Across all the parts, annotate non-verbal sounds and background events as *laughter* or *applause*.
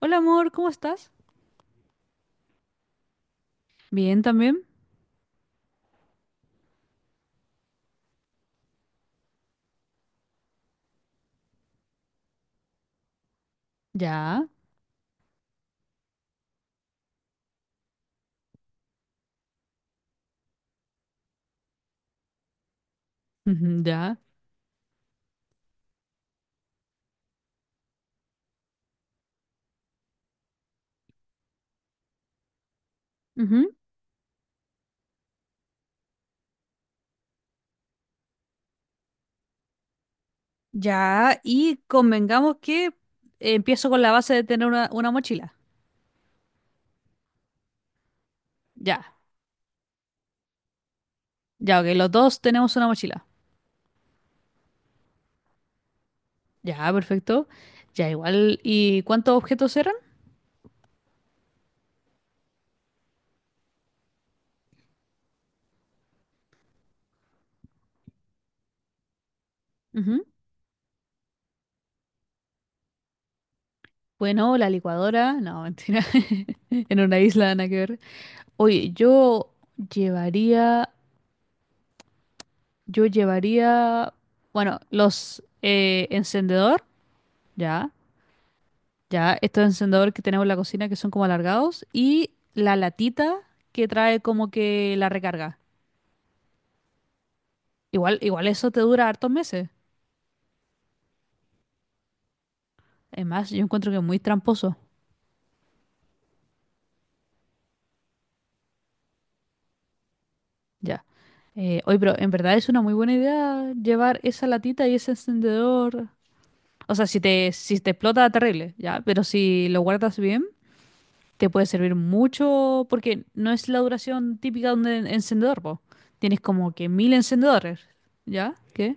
Hola, amor, ¿cómo estás? Bien también. Ya. Ujú. Ya. Ujú. Ya, y convengamos que empiezo con la base de tener una mochila. Ya, ya, ok, los dos tenemos una mochila. Ya, perfecto. Ya, igual. ¿Y cuántos objetos eran? Ujú. Bueno, la licuadora. No, mentira. *laughs* En una isla, nada que ver. Oye, yo llevaría. Yo llevaría. Bueno, los encendedor. Ya. Ya, estos encendedores que tenemos en la cocina, que son como alargados, y la latita que trae como que la recarga. Igual, igual eso te dura hartos meses. Es más, yo encuentro que es muy tramposo. Ya. Oye, pero en verdad es una muy buena idea llevar esa latita y ese encendedor. O sea, si te explota, terrible, ya. Pero si lo guardas bien, te puede servir mucho porque no es la duración típica de un encendedor, po. Tienes como que 1.000 encendedores, ¿ya? ¿Qué?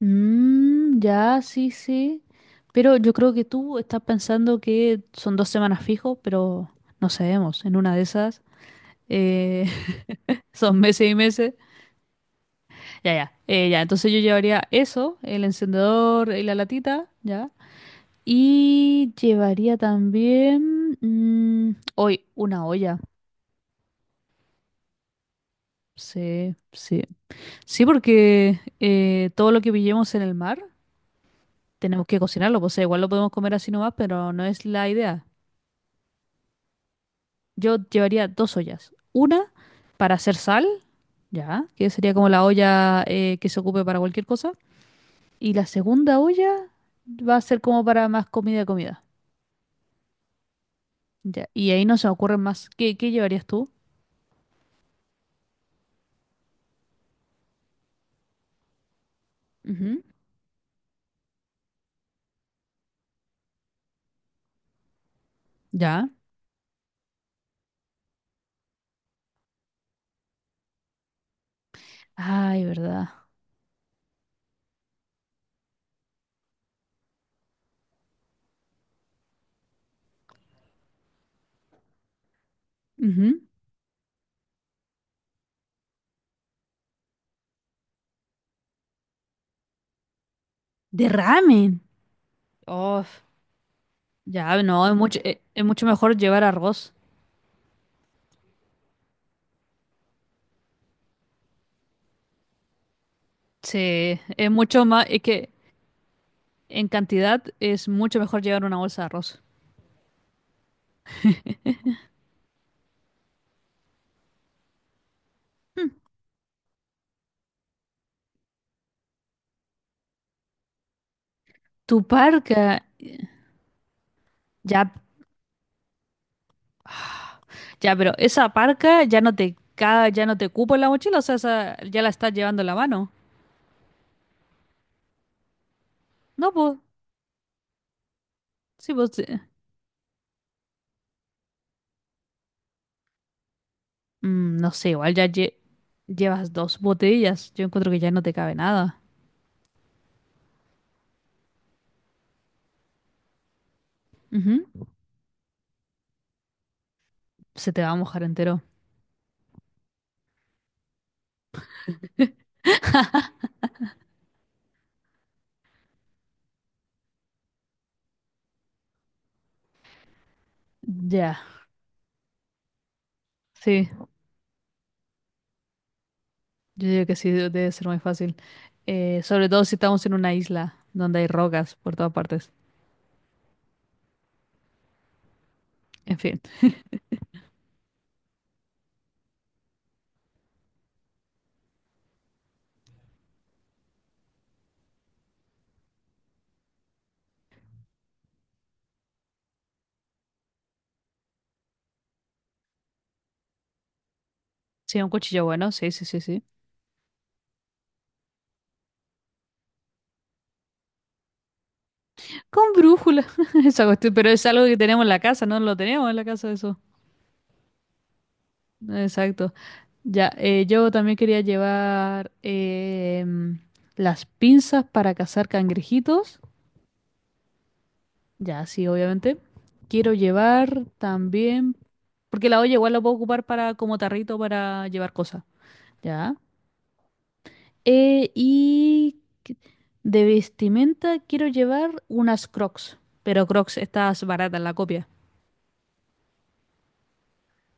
Mm, ya, sí, sí. Pero yo creo que tú estás pensando que son 2 semanas fijo, pero no sabemos. En una de esas eh, *laughs* son meses y meses. Ya, ya. Ya, entonces yo llevaría eso, el encendedor y la latita, ya. Y llevaría también, hoy una olla. Sí, sí. Sí, porque todo lo que pillemos en el mar tenemos que cocinarlo, pues. O sea, igual lo podemos comer así nomás, pero no es la idea. Yo llevaría dos ollas. Una para hacer sal, ya, que sería como la olla, que se ocupe para cualquier cosa. Y la segunda olla va a ser como para más comida, comida. Ya. Y ahí no se me ocurren más. ¿Qué llevarías tú? Ujú. Ya. Ay, verdad. Ujú. De ramen. Oh, ya, no, es mucho, mejor llevar arroz. Sí, es mucho más, es que en cantidad es mucho mejor llevar una bolsa de arroz. Hmm. Tu parca, ya. Ya, pero esa parca ya no te cupo en la mochila, o sea, esa ya la estás llevando en la mano. No, pues, sí, pues, sí. Mm, no sé, igual ya llevas dos botellas. Yo encuentro que ya no te cabe nada. Ujú. Se te va a mojar entero. Ya, sí, yo digo que sí, debe ser muy fácil. Sobre todo si estamos en una isla donde hay rocas por todas partes. En fin, sí, un cuchillo bueno, sí, sí, sí, sí. Con brújula, *laughs* esa cuestión, pero es algo que tenemos en la casa, no lo tenemos en la casa eso. Exacto. Ya, yo también quería llevar, em, las pinzas para cazar cangrejitos. Ya, sí, obviamente. Quiero llevar también, porque la olla igual la puedo ocupar para como tarrito para llevar cosas. Ya. Eh, y que- de vestimenta quiero llevar unas Crocs, pero Crocs estas baratas, la copia.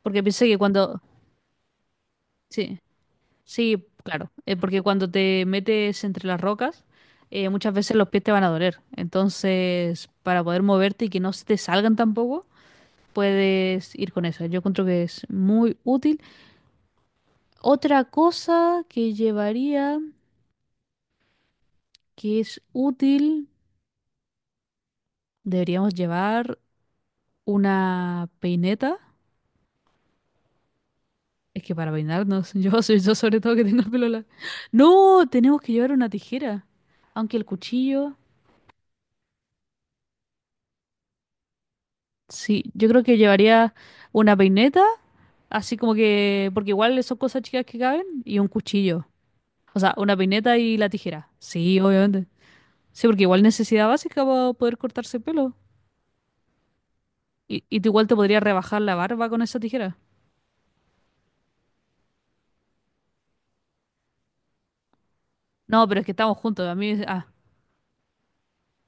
Porque pensé que cuando. Sí. Sí, claro, porque cuando te metes entre las rocas, muchas veces los pies te van a doler. Entonces, para poder moverte y que no se te salgan tampoco, puedes ir con eso. Yo encuentro que es muy útil. Otra cosa que llevaría, que es útil, deberíamos llevar una peineta. Es que para peinarnos, *laughs* yo soy, yo sobre todo que tengo el pelo largo. No, tenemos que llevar una tijera. Aunque el cuchillo. Sí, yo creo que llevaría una peineta, así como que, porque igual son cosas chicas que caben, y un cuchillo. O sea, una peineta y la tijera. Sí, obviamente. Sí, porque igual necesidad básica para poder cortarse el pelo. Y tú igual te podrías rebajar la barba con esa tijera. No, pero es que estamos juntos. A mí,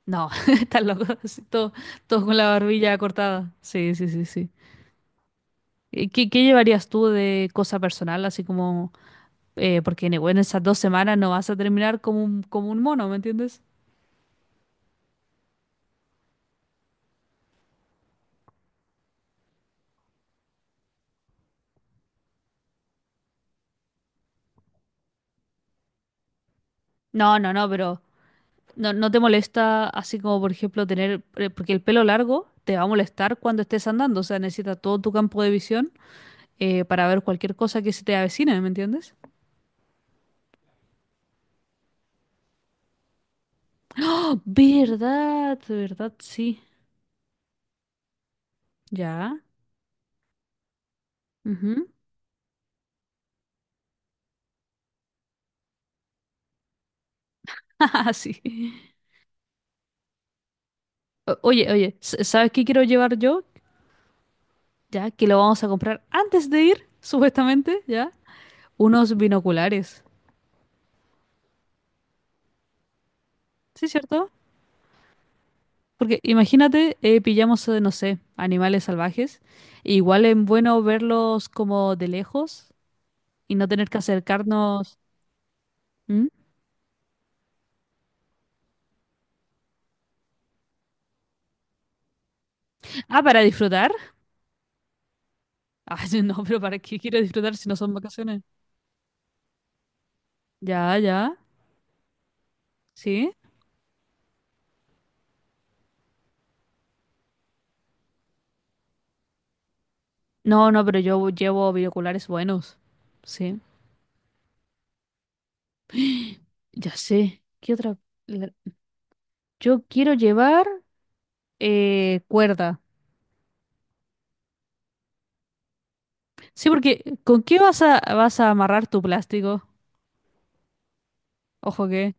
no, *laughs* estás loco. Así, todos con la barbilla cortada. Sí, sí, sí, sí. ¿Qué llevarías tú de cosa personal? Así como, porque bueno, en esas 2 semanas no vas a terminar como un mono, ¿me entiendes? No, no, no, pero no, no te molesta así como por ejemplo tener, porque el pelo largo te va a molestar cuando estés andando, o sea, necesitas todo tu campo de visión, para ver cualquier cosa que se te avecine, ¿me entiendes? ¡Oh, verdad, verdad, sí, ya, ujú! *laughs* Ajá, sí. Oye, oye, ¿sabes qué quiero llevar yo? Ya, que lo vamos a comprar antes de ir, supuestamente, ya, unos binoculares, ¿sí, cierto? Porque imagínate, pillamos, no sé, animales salvajes, e igual es bueno verlos como de lejos y no tener que acercarnos. ¿Mm? Ah, para disfrutar. Ah, *laughs* no, pero ¿para qué quiero disfrutar si no son vacaciones? Ya, ya, sí. No, no, pero yo llevo binoculares buenos. Sí, ya sé. ¿Qué otra? la- Yo quiero llevar, cuerda. Sí, porque ¿con qué vas a amarrar tu plástico? Ojo que.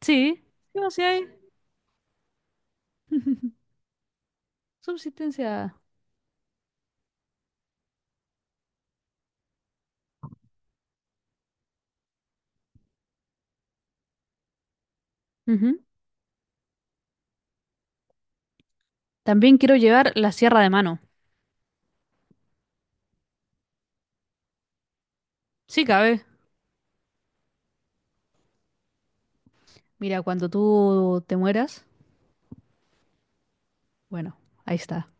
Sí, ¿qué vas a? *laughs* Subsistencia. Ujú. También quiero llevar la sierra de mano. Sí, cabe. Mira, cuando tú te mueras, bueno, ahí está.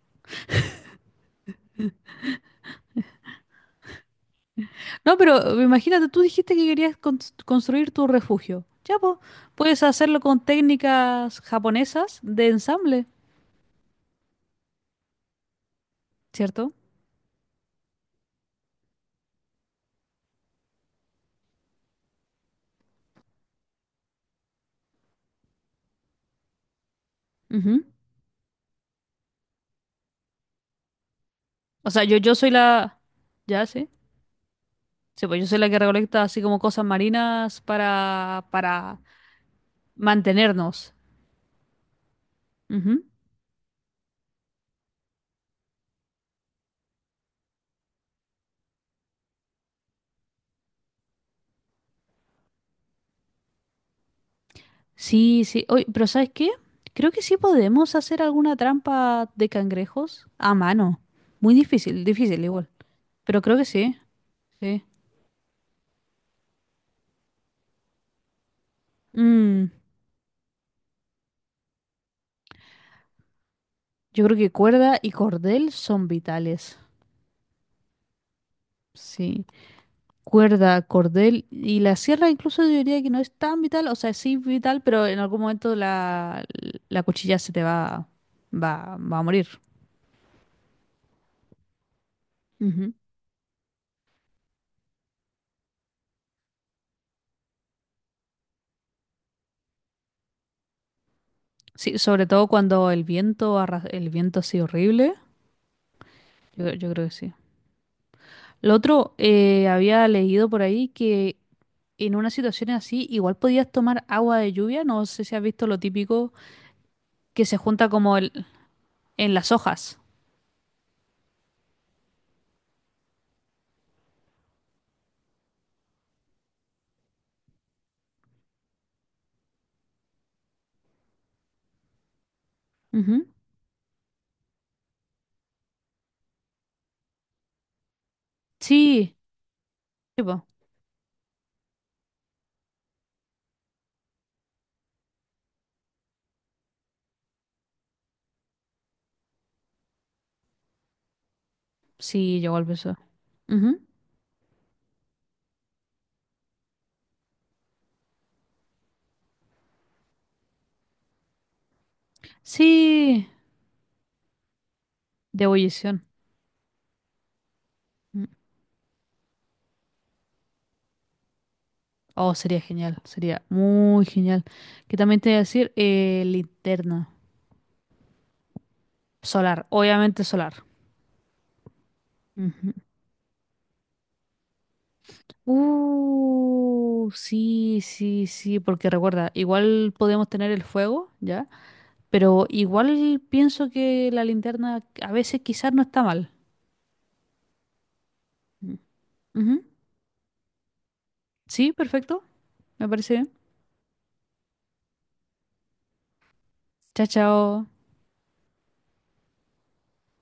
No, pero imagínate, tú dijiste que querías construir tu refugio. Ya, pues, puedes hacerlo con técnicas japonesas de ensamble, ¿cierto? Ujú. O sea, yo soy la. Ya, sí. Sí, pues yo soy la que recolecta así como cosas marinas para mantenernos. Ujú. Sí, sí. Oye, pero ¿sabes qué? Creo que sí podemos hacer alguna trampa de cangrejos a mano. Muy difícil, difícil igual. Pero creo que sí, sí. Mm, yo creo que cuerda y cordel son vitales. Sí. Cuerda, cordel y la sierra incluso yo diría que no es tan vital. O sea, sí vital, pero en algún momento la cuchilla se te va, a morir. Ujú. Sí, sobre todo cuando el viento así horrible. Yo creo que sí. Lo otro, había leído por ahí que en una situación así igual podías tomar agua de lluvia. No sé si has visto lo típico que se junta, en las hojas. Ujú. Sí, sí, po. Sí, llegó al beso. Ujú. Sí, de ebullición. Mm. Oh, sería genial, sería muy genial. Que también te voy a decir, linterna solar, obviamente solar. Ujú. Sí, sí, sí, porque recuerda, igual podemos tener el fuego, ¿ya? Pero igual pienso que la linterna a veces quizás no está mal. Mm. Ujú. Sí, perfecto, me parece bien. Chao, chao.